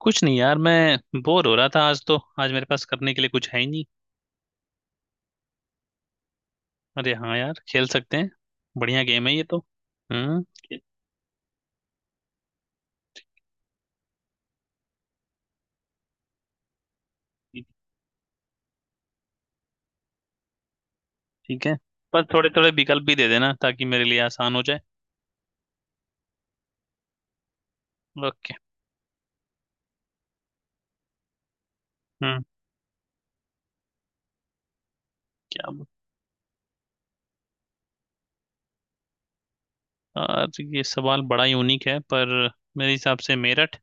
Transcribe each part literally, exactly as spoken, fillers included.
कुछ नहीं यार, मैं बोर हो रहा था। आज तो आज मेरे पास करने के लिए कुछ है ही नहीं। अरे हाँ यार, खेल सकते हैं। बढ़िया गेम है ये तो। हम्म। ठी- ठीक है। पर थोड़े थोड़े विकल्प भी दे देना ताकि मेरे लिए आसान हो जाए। ओके। हम्म। क्या ब- यार, ये सवाल बड़ा यूनिक है, पर मेरे हिसाब से मेरठ।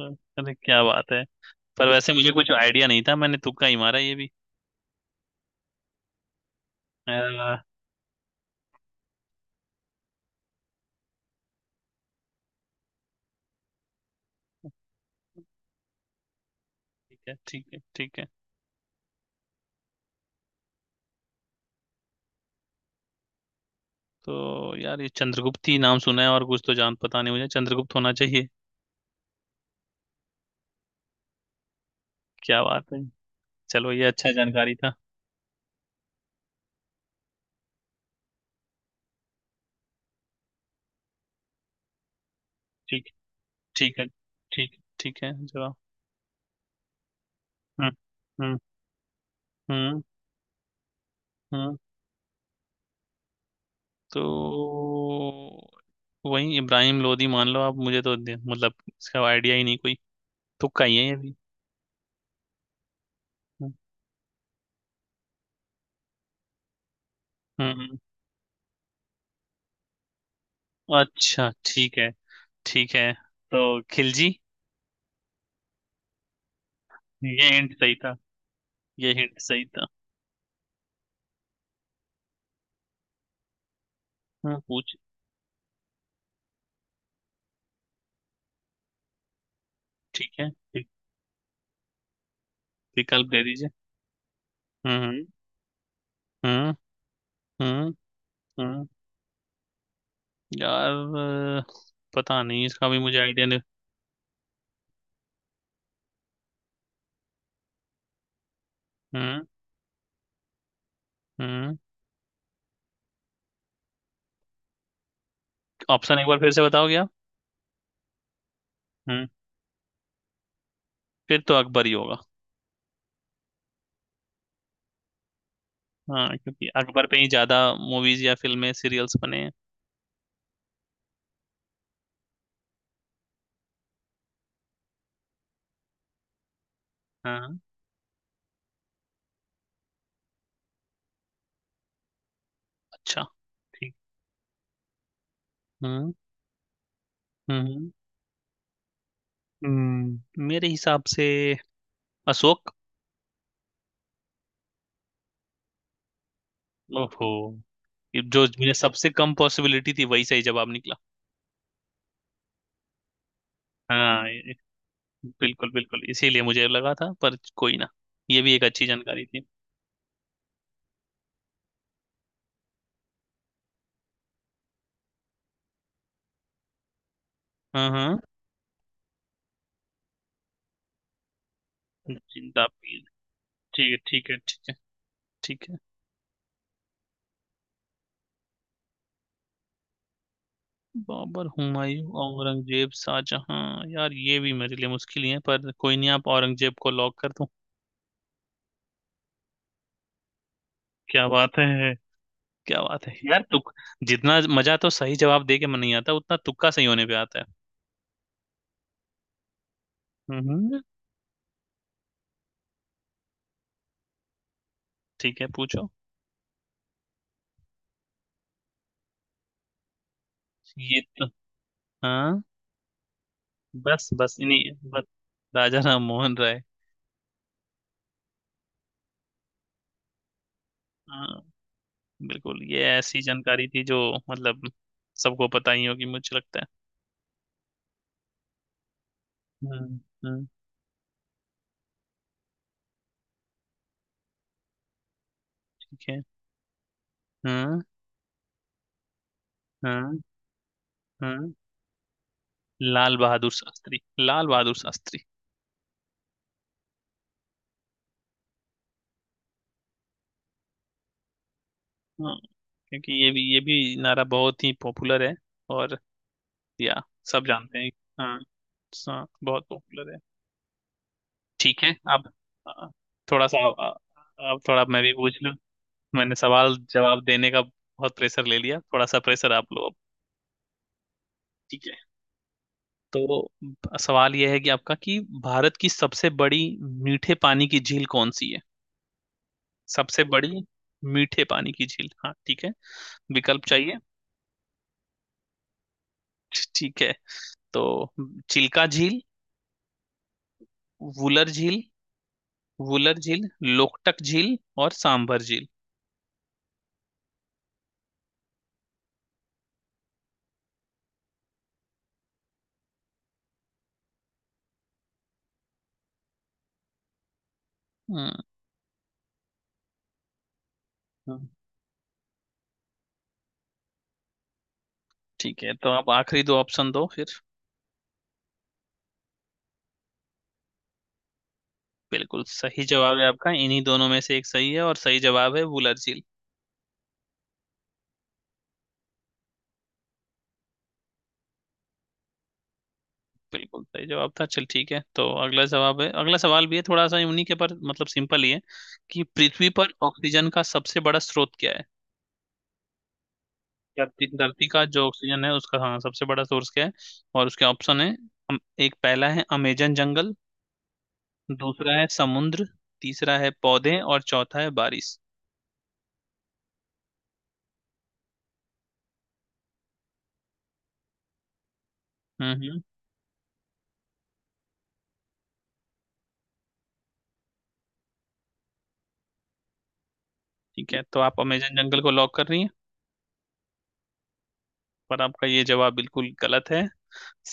अरे क्या बात है। पर वैसे मुझे कुछ आइडिया नहीं था, मैंने तुक्का ही मारा ये भी। अ, ठीक है ठीक है ठीक है। तो यार, ये चंद्रगुप्त ही नाम सुना है और कुछ तो जान, पता नहीं, मुझे चंद्रगुप्त होना चाहिए। क्या बात है। चलो, ये अच्छा जानकारी था। ठीक। ठीक है। ठीक, ठीक है जरा। हम्म। हम्म। हम्म। हम्म, तो वही इब्राहिम लोधी मान लो आप, मुझे तो दे- मतलब इसका आइडिया ही नहीं कोई। तुक्का ही है ये भी। हम्म। हम्म, अच्छा ठीक है। ठीक है, तो खिलजी। ये हिंट सही था। ये हिंट सही था। हम्म, पूछ। ठीक है। वि- विकल्प दे दीजिए। हम्म। हम्म। हम्म। हम्म। हम्म, यार, अ, पता नहीं इसका भी मुझे आइडिया नहीं। हम्म। हम्म। ऑप्शन एक बार फिर से बताओगे आप? हम्म। फिर तो अकबर ही होगा। हाँ, क्योंकि अकबर पे ही ज्यादा मूवीज या फिल्में सीरियल्स बने हैं। हाँ। अच्छा। ठीक। हम्म। हम्म। हम्म, मेरे हिसाब से अशोक। ओहो। ये जो मुझे सबसे कम पॉसिबिलिटी थी वही सही जवाब निकला। हाँ, ये- बिल्कुल बिल्कुल इसीलिए मुझे लगा था, पर कोई ना। ये भी एक अच्छी जानकारी थी। हाँ। हाँ, जिंदा पीर। ठीक है ठीक है ठीक है। ठीक है। बाबर, हुमायूं, औरंगजेब, शाहजहां। यार, ये भी मेरे लिए मुश्किल ही है, पर कोई नहीं, आप औरंगजेब को लॉक कर दो। क्या बात है। क्या बात है यार तुक जितना मजा तो सही जवाब दे के मन नहीं आता, उतना तुक्का सही होने पे आता है। हम्म। ठीक है, पूछो। ये तो। हाँ, बस बस, इन्हीं बस राजा राम मोहन राय। हाँ, बिल्कुल, ये ऐसी जानकारी थी जो, मतलब, सबको पता ही होगी मुझे लगता है। हम्म। हम्म। ठीक है। हाँ हाँ हाँ। लाल बहादुर शास्त्री, लाल बहादुर शास्त्री। हाँ, क्योंकि ये भी ये भी नारा बहुत ही पॉपुलर है। और, या सब जानते हैं। हाँ। हाँ, बहुत पॉपुलर है। ठीक है, अब आ, थोड़ा सा, आ, अब थोड़ा मैं भी पूछ लूं। मैंने सवाल जवाब देने का बहुत प्रेशर ले लिया, थोड़ा सा प्रेशर आप लो अब। ठीक है, तो ब- सवाल यह है कि आपका, कि भारत की सबसे बड़ी मीठे पानी की झील कौन सी है? सबसे बड़ी मीठे पानी की झील, हाँ ठीक है, विकल्प चाहिए? ठीक है, तो चिल्का झील, वुलर झील, वुलर झील, लोकटक झील और सांभर झील। हम्म। हम्म, ठीक है, तो आप आखिरी दो ऑप्शन दो फिर। बिल्कुल सही जवाब है आपका, इन्हीं दोनों में से एक सही है और सही जवाब है वुलर झील। बिल्कुल सही जवाब था। चल ठीक है, तो अगला जवाब है, अगला सवाल भी है, थोड़ा सा यूनिक है पर मतलब सिंपल ही है। कि पृथ्वी पर ऑक्सीजन का सबसे बड़ा स्रोत क्या है? क्या धरती, धरती का जो ऑक्सीजन है उसका, हाँ, सबसे बड़ा सोर्स क्या है? और उसके ऑप्शन है। अम- एक, पहला है अमेजन जंगल, दूसरा है समुद्र, तीसरा है पौधे और चौथा है बारिश। हम्म। हम्म, ठीक है, तो आप अमेजन जंगल को लॉक कर रही हैं? पर आपका ये जवाब बिल्कुल गलत है।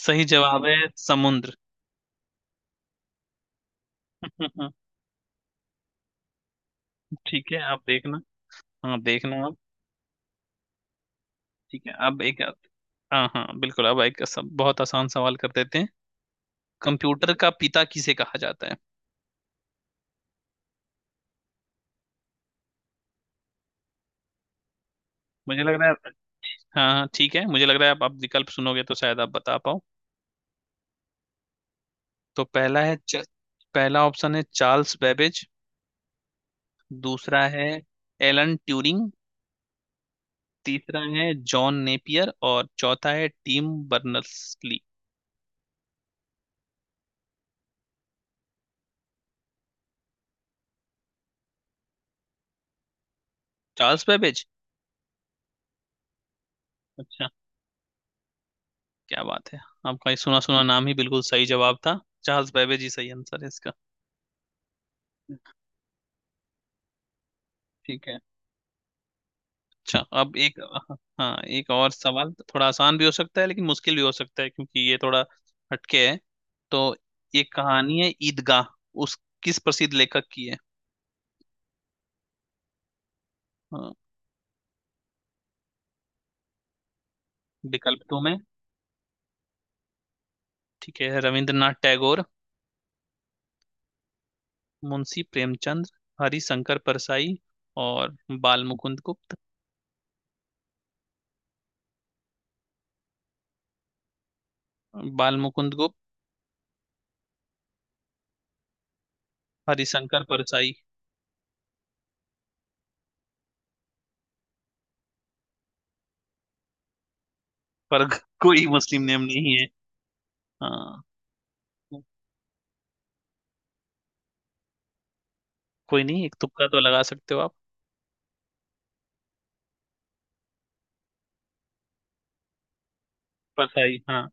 सही जवाब है समुद्र। ठीक है, आप देखना। हाँ, देखना आप। ठीक है, अब एक, हाँ हाँ बिल्कुल, अब एक सब बहुत आसान सवाल कर देते हैं। कंप्यूटर का पिता किसे कहा जाता है? मुझे लग रहा है, हाँ हाँ, ठीक है, मुझे लग रहा है आप, आप विकल्प सुनोगे तो शायद आप बता पाओ। तो पहला है च, पहला ऑप्शन है चार्ल्स बेबेज, दूसरा है एलन ट्यूरिंग, तीसरा है जॉन नेपियर और चौथा है Tim Berners Lee. Charles Babbage. अच्छा, क्या बात है, आपका ये सुना सुना नाम ही बिल्कुल सही जवाब था। चार्ल्स बेबेज ही सही आंसर है इसका। ठीक है। अच्छा, अब एक, हाँ, एक और सवाल। थोड़ा आसान भी हो सकता है लेकिन मुश्किल भी हो सकता है, क्योंकि ये थोड़ा हटके है। तो एक कहानी है ईदगाह, उस, किस प्रसिद्ध लेखक की है? हाँ, विकल्प दो मैं? ठीक है, रविंद्रनाथ टैगोर, मुंशी प्रेमचंद, हरिशंकर परसाई और बाल मुकुंद गुप्त। बाल मुकुंद गुप्त, हरिशंकर परसाई। पर कोई मुस्लिम नेम नहीं है। हाँ। कोई नहीं, एक तुक्का तो लगा सकते हो आप। परसाई, हाँ।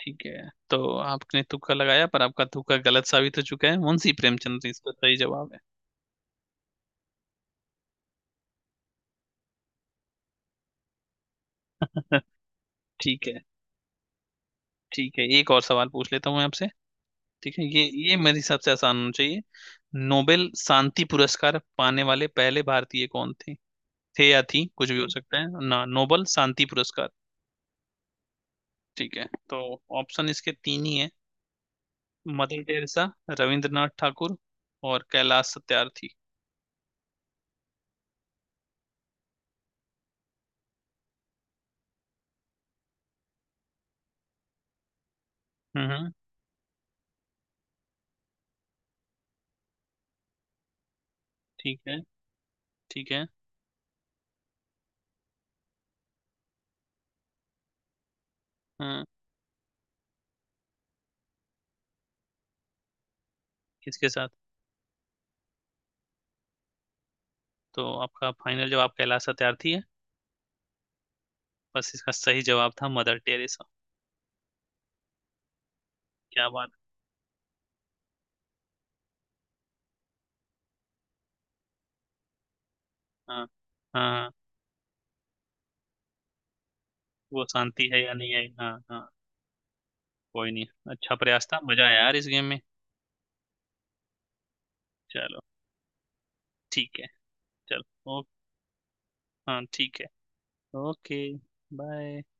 ठीक है, तो आपने तुक्का लगाया पर आपका तुक्का गलत साबित हो चुका है, मुंशी प्रेमचंद इसका सही जवाब है। ठीक है। ठीक है, एक और सवाल पूछ लेता हूँ मैं आपसे। ठीक है, ये ये मेरे हिसाब से आसान होना चाहिए। नोबेल शांति पुरस्कार पाने वाले पहले भारतीय कौन थे? थे या थी, कुछ भी हो सकता है ना, नोबल शांति पुरस्कार। ठीक है, तो ऑप्शन इसके तीन ही है। मदर टेरेसा, रविंद्रनाथ ठाकुर और कैलाश सत्यार्थी। हम्म। हम्म, ठीक है। ठीक है, हाँ, इसके साथ। तो आपका फाइनल जवाब कैलाश सत्यार्थी है। बस, इसका सही जवाब था मदर टेरेसा। क्या बात। हाँ हाँ हाँ, वो शांति है या नहीं है, हाँ हाँ। कोई नहीं, अच्छा प्रयास था, मजा आया यार इस गेम में। चलो। ठीक है। चलो, ओके। हाँ, ठीक है। ओके। बाय।